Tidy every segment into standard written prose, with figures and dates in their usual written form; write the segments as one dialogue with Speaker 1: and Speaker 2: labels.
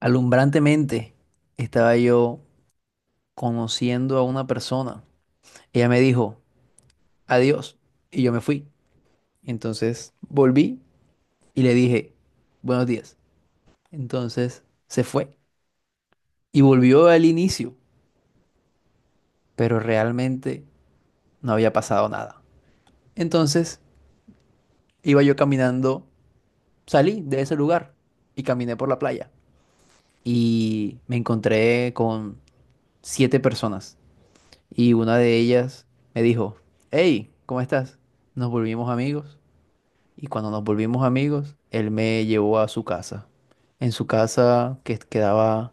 Speaker 1: Alumbrantemente estaba yo conociendo a una persona. Ella me dijo, adiós, y yo me fui. Entonces volví y le dije, buenos días. Entonces se fue y volvió al inicio, pero realmente no había pasado nada. Entonces iba yo caminando, salí de ese lugar y caminé por la playa y me encontré con siete personas. Y una de ellas me dijo, hey, ¿cómo estás? Nos volvimos amigos. Y cuando nos volvimos amigos, él me llevó a su casa. En su casa que quedaba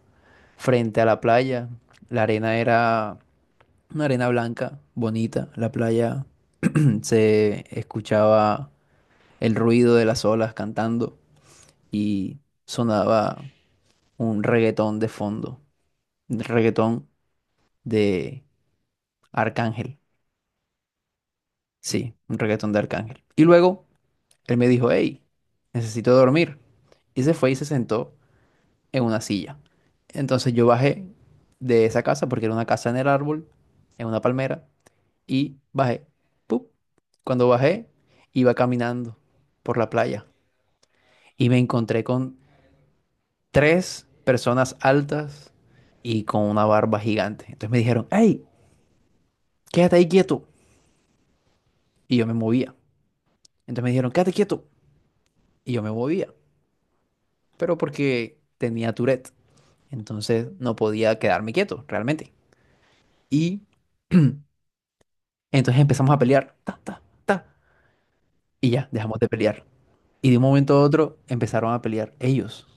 Speaker 1: frente a la playa, la arena era una arena blanca, bonita. La playa se escuchaba el ruido de las olas cantando y sonaba un reggaetón de fondo, un reggaetón de Arcángel. Sí, un reggaetón de Arcángel. Y luego, él me dijo, hey, necesito dormir. Y se fue y se sentó en una silla. Entonces yo bajé de esa casa, porque era una casa en el árbol, en una palmera, y bajé. ¡Pup! Cuando bajé, iba caminando por la playa y me encontré con tres personas altas y con una barba gigante. Entonces me dijeron, hey, quédate ahí quieto. Y yo me movía. Entonces me dijeron, quédate quieto. Y yo me movía. Pero porque tenía Tourette. Entonces no podía quedarme quieto, realmente. Y entonces empezamos a pelear. Ta, ta, ta. Y ya, dejamos de pelear. Y de un momento a otro empezaron a pelear ellos.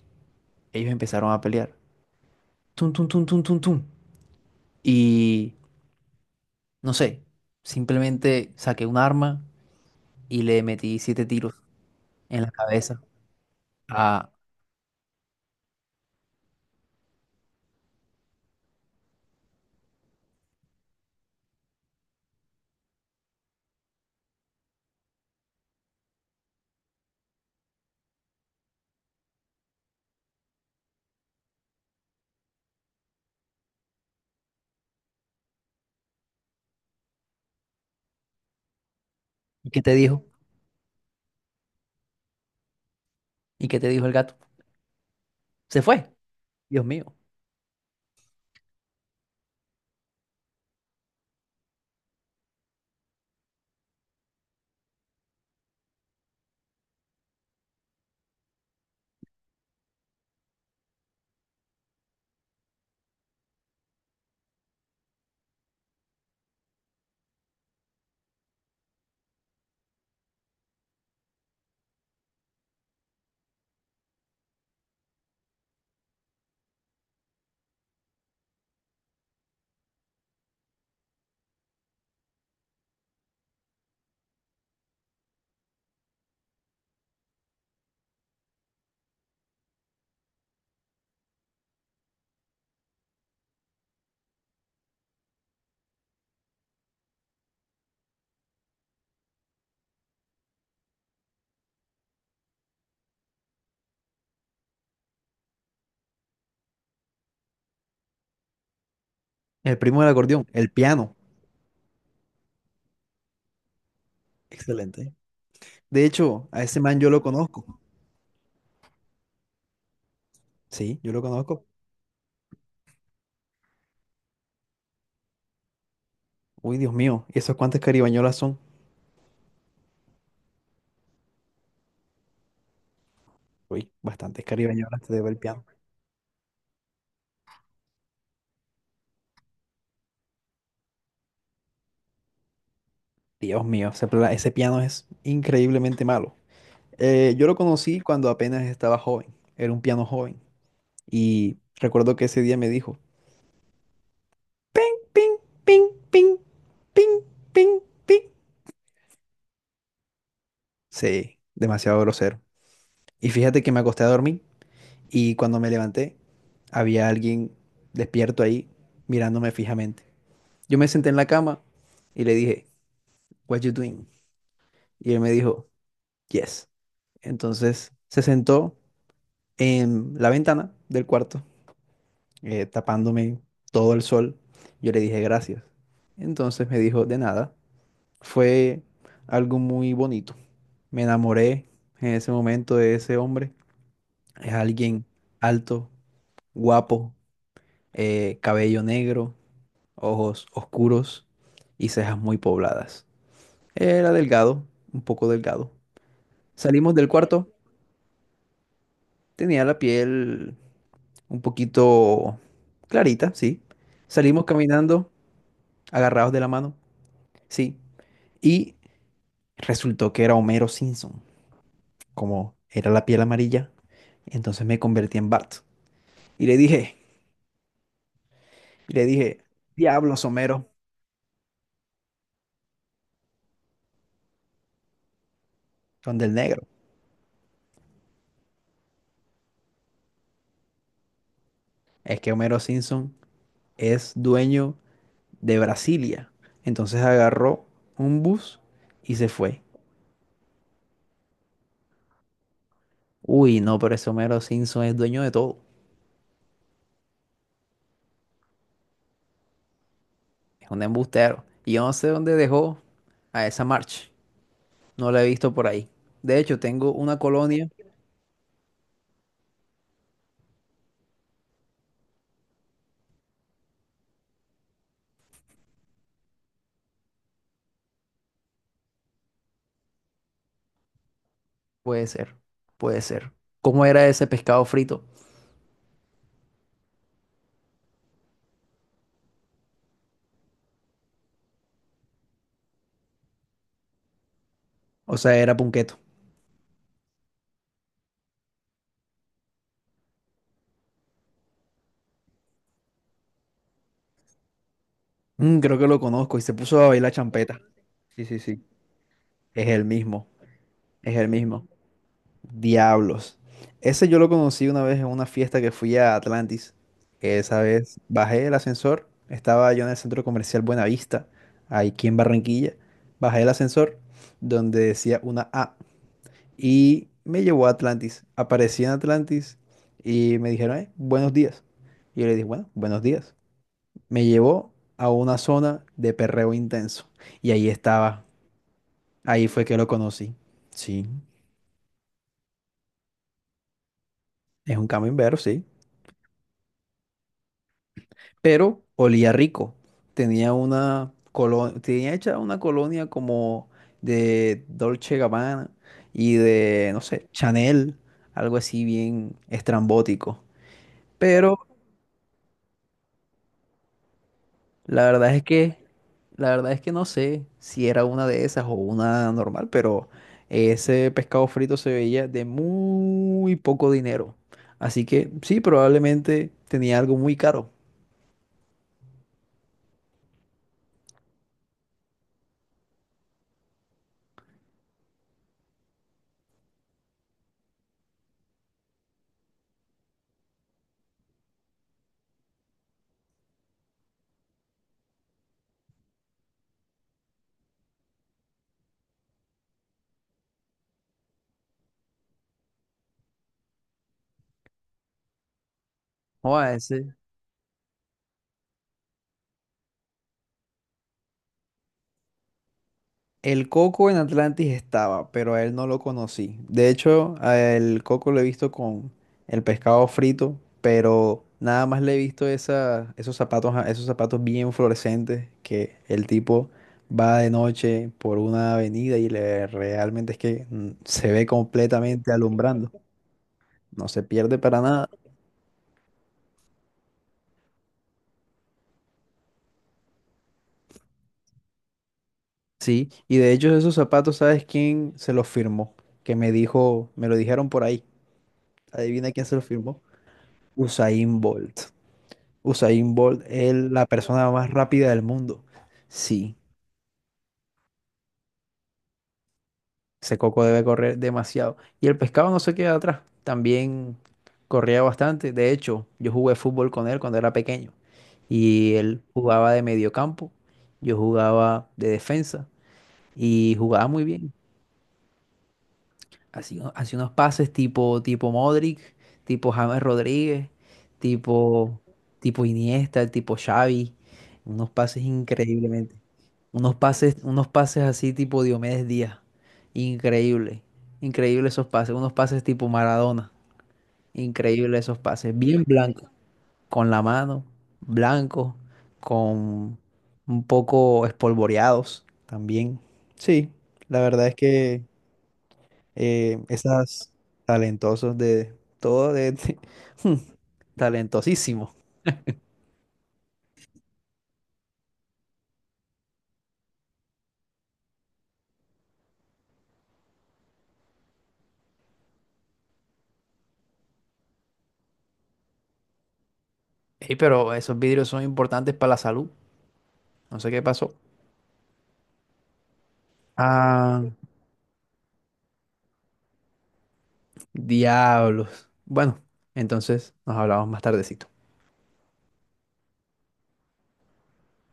Speaker 1: Ellos empezaron a pelear. Tum, tum, tum, tum, tum, tum. Y no sé, simplemente saqué un arma y le metí siete tiros en la cabeza. Ah. ¿Y qué te dijo? ¿Y qué te dijo el gato? Se fue. Dios mío. El primo del acordeón, el piano. Excelente. De hecho, a ese man yo lo conozco. Sí, yo lo conozco. Uy, Dios mío, ¿y eso cuántas caribañolas son? Uy, bastantes caribañolas te debe el piano. Dios mío, ese, ese piano es increíblemente malo. Yo lo conocí cuando apenas estaba joven, era un piano joven. Y recuerdo que ese día me dijo, ping, ping, ping, ping, ping, ping, ping. Sí, demasiado grosero. Y fíjate que me acosté a dormir y cuando me levanté, había alguien despierto ahí mirándome fijamente. Yo me senté en la cama y le dije, What you doing? Y él me dijo, Yes. Entonces se sentó en la ventana del cuarto, tapándome todo el sol. Yo le dije gracias. Entonces me dijo de nada. Fue algo muy bonito. Me enamoré en ese momento de ese hombre. Es alguien alto, guapo, cabello negro, ojos oscuros y cejas muy pobladas. Era delgado, un poco delgado. Salimos del cuarto, tenía la piel un poquito clarita, sí. Salimos caminando, agarrados de la mano, sí. Y resultó que era Homero Simpson, como era la piel amarilla, entonces me convertí en Bart. Y le dije, diablos Homero, donde el negro. Es que Homero Simpson es dueño de Brasilia. Entonces agarró un bus y se fue. Uy, no, pero ese Homero Simpson es dueño de todo. Es un embustero. Y yo no sé dónde dejó a esa March. No la he visto por ahí. De hecho, tengo una colonia. Puede ser, puede ser. ¿Cómo era ese pescado frito? O sea, era punqueto. Mm, creo que lo conozco y se puso a bailar champeta. Sí, sí, sí. Es el mismo, es el mismo. Diablos. Ese yo lo conocí una vez en una fiesta que fui a Atlantis. Esa vez bajé el ascensor. Estaba yo en el centro comercial Buenavista, aquí en Barranquilla. Bajé el ascensor donde decía una A, y me llevó a Atlantis. Aparecí en Atlantis y me dijeron, buenos días". Y yo le dije, bueno, buenos días. Me llevó a una zona de perreo intenso y ahí estaba. Ahí fue que lo conocí. Sí, es un camembert, sí. Pero olía rico. Tenía una colonia, tenía hecha una colonia como de Dolce Gabbana y de, no sé, Chanel, algo así bien estrambótico. Pero La verdad es que, la verdad es que no sé si era una de esas o una normal, pero ese pescado frito se veía de muy poco dinero. Así que sí, probablemente tenía algo muy caro. O a ese. El Coco en Atlantis estaba, pero a él no lo conocí. De hecho, a el Coco lo he visto con el pescado frito, pero nada más le he visto esa, esos zapatos, esos zapatos bien fluorescentes que el tipo va de noche por una avenida y le realmente es que se ve completamente alumbrando. No se pierde para nada. Sí, y de hecho esos zapatos, ¿sabes quién se los firmó? Que me dijo, me lo dijeron por ahí. Adivina quién se los firmó. Usain Bolt. Usain Bolt es la persona más rápida del mundo. Sí, ese coco debe correr demasiado. Y el pescado no se queda atrás. También corría bastante. De hecho, yo jugué fútbol con él cuando era pequeño. Y él jugaba de mediocampo, yo jugaba de defensa y jugaba muy bien. Así, ¿no? Hace unos pases tipo Modric, tipo James Rodríguez, tipo, tipo Iniesta, tipo Xavi. Unos pases increíblemente. Unos pases así tipo Diomedes Díaz. Increíble. Increíble esos pases. Unos pases tipo Maradona. Increíble esos pases. Bien blanco. Con la mano. Blanco. Con un poco espolvoreados también. Sí, la verdad es que esas talentosos de todo hmm, talentosísimo. Ey, pero esos vidrios son importantes para la salud. No sé qué pasó. Ah, diablos. Bueno, entonces nos hablamos más tardecito.